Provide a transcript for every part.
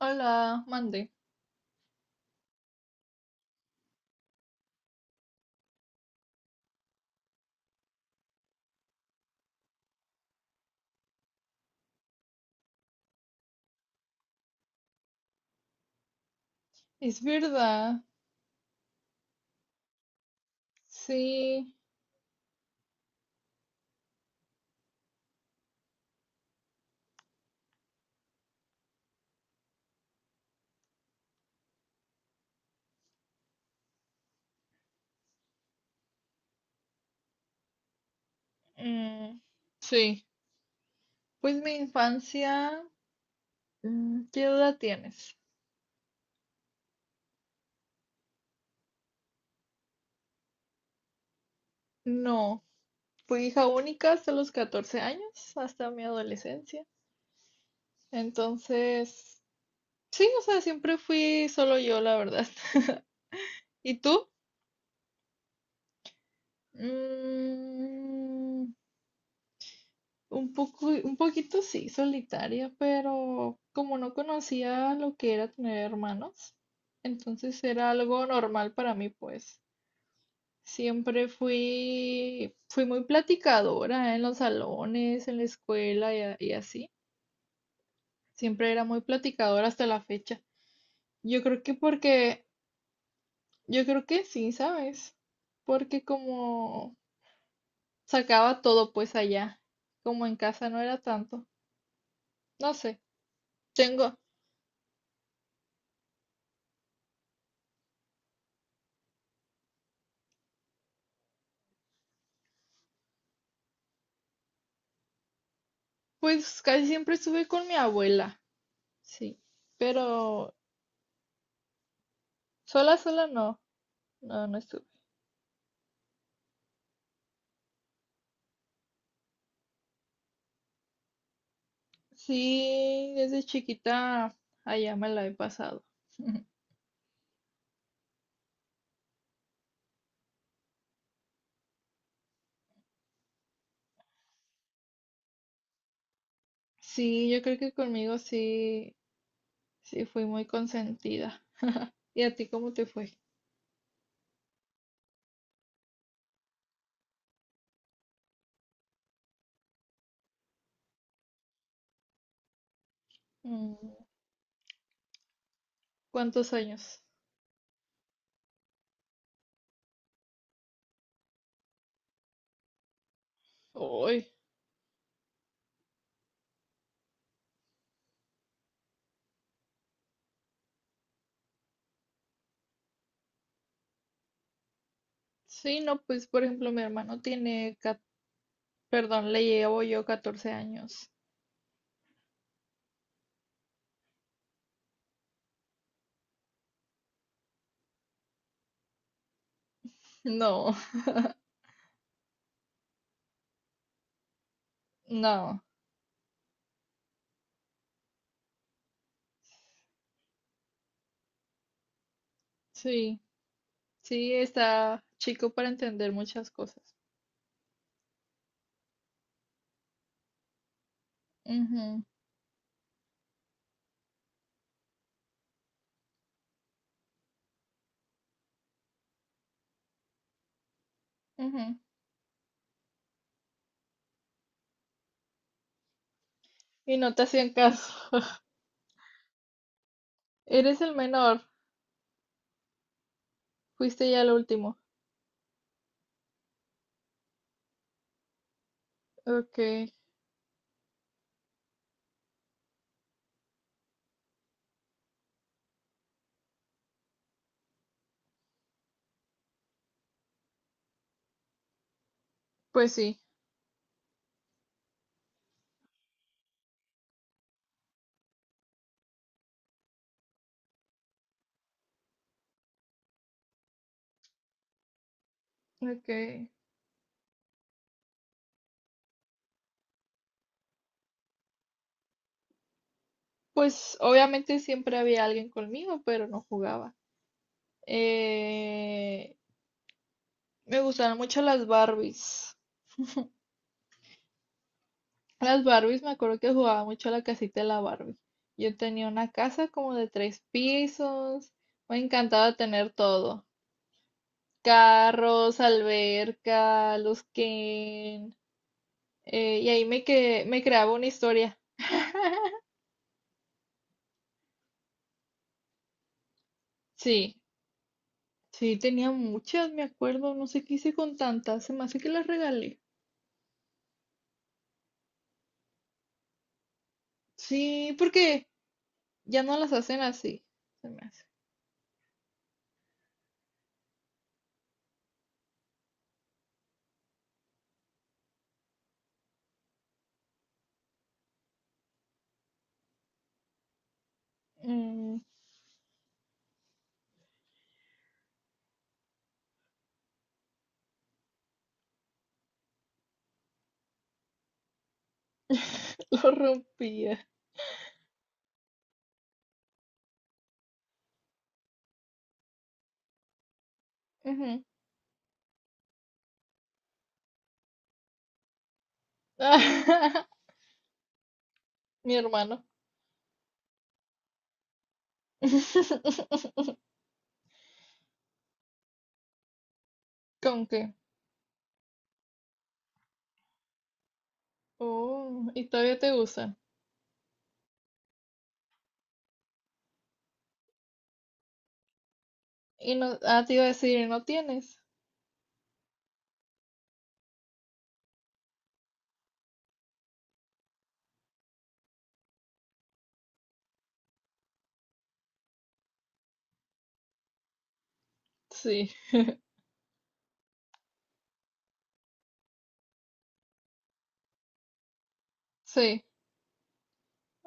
Hola, mande. Es verdad, sí, mm, sí. Pues mi infancia, ¿qué edad tienes? No, fui hija única hasta los 14 años, hasta mi adolescencia. Entonces, sí, o sea, siempre fui solo yo, la verdad. ¿Y tú? Mm, Un poco, un poquito sí, solitaria, pero como no conocía lo que era tener hermanos, entonces era algo normal para mí, pues. Siempre fui muy platicadora en los salones, en la escuela y así. Siempre era muy platicadora hasta la fecha. Yo creo que porque, yo creo que sí, ¿sabes? Porque como sacaba todo pues allá, como en casa no era tanto. No sé, tengo. Pues casi siempre estuve con mi abuela, sí, pero sola, sola no, no, no estuve. Sí, desde chiquita allá me la he pasado. Sí, yo creo que conmigo sí, sí fui muy consentida. ¿Y a ti cómo te fue? Mm, ¿Cuántos años? Uy, sí, no, pues por ejemplo mi hermano tiene, perdón, le llevo yo 14 años. No, no, sí, sí, está chico para entender muchas cosas. Ujú, ujú. Y no te hacían caso. Eres el menor. Fuiste ya el último. Ok, pues sí. Ok. Pues obviamente siempre había alguien conmigo, pero no jugaba. Eh, me gustaban mucho las Barbies. Las Barbies, me acuerdo que jugaba mucho a la casita de la Barbie. Yo tenía una casa como de tres pisos. Me encantaba tener todo. Carros, alberca, los que y ahí me, que, me creaba una historia. Sí, sí, tenía muchas, me acuerdo. No sé qué hice con tantas. Se me hace que las regalé. Sí, porque ya no las hacen así. Se me hace. Mm, lo rompía. Ujú. Mi hermano. ¿Con qué? Oh, y todavía te usa. Y no, te iba a decir, ¿y ¿no tienes? Sí, sí.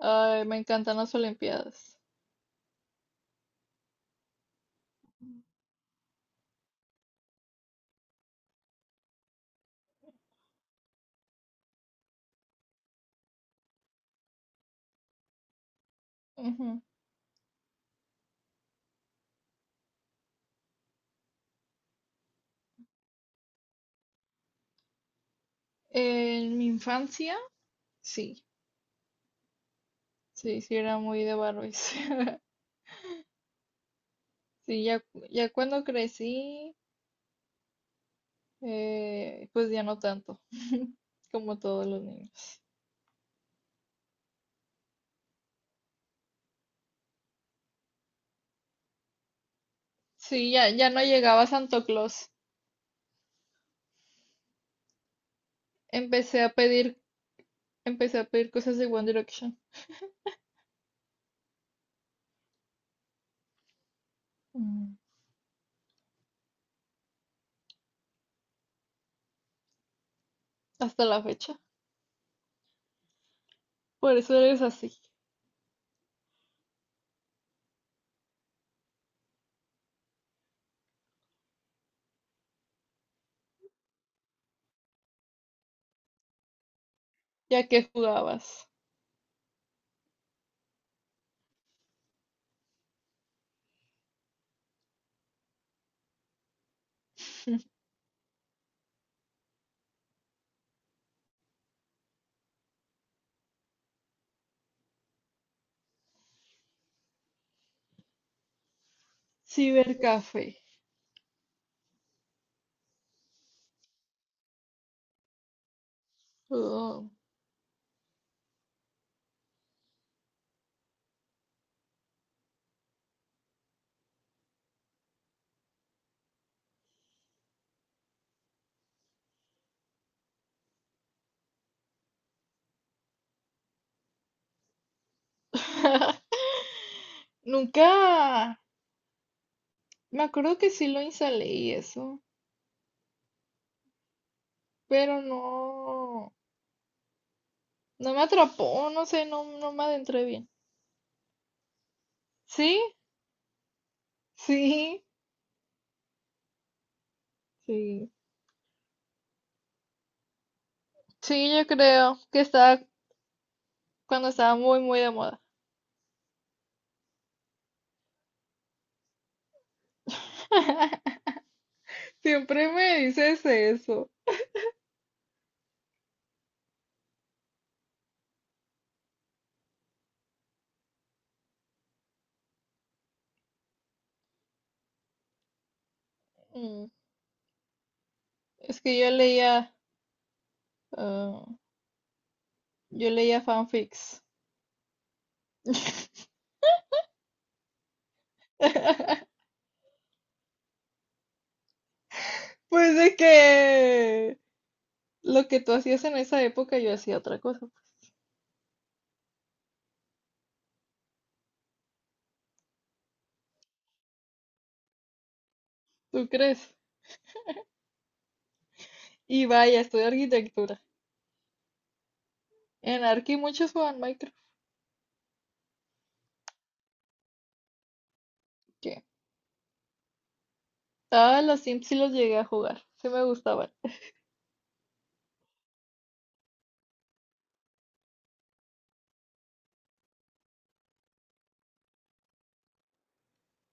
Ay, me encantan las olimpiadas. Ujú. En mi infancia, sí. Sí, sí, era muy de Barbies. Sí, ya, ya cuando crecí, pues ya no tanto, como todos los niños. Sí, ya, ya no llegaba a Santo Claus. Empecé a pedir, empecé a pedir cosas de One Direction. Mm, Hasta la fecha. Por eso eres así. Ya que jugabas. Cibercafé. Oh. Nunca. Me acuerdo que sí lo instalé y eso, pero no. No me atrapó, no sé, no, no me adentré bien. ¿Sí? Sí, sí. Sí, yo creo que estaba cuando estaba muy, muy de moda. Siempre me dices eso. Mm, Es que yo ah, leía fanfics. Pues de que... Lo que tú hacías en esa época, yo hacía otra cosa. ¿Tú crees? Y vaya, estudio arquitectura. En Arki muchos jugaban Minecraft. ¿Qué? Ah, los Sims sí los llegué a jugar. Sí me gustaban.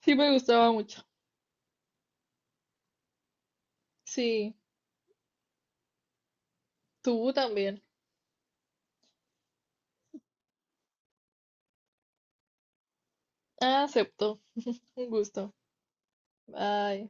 Sí, me gustaba mucho. Sí, tú también. Ah, acepto. Un gusto. Bye.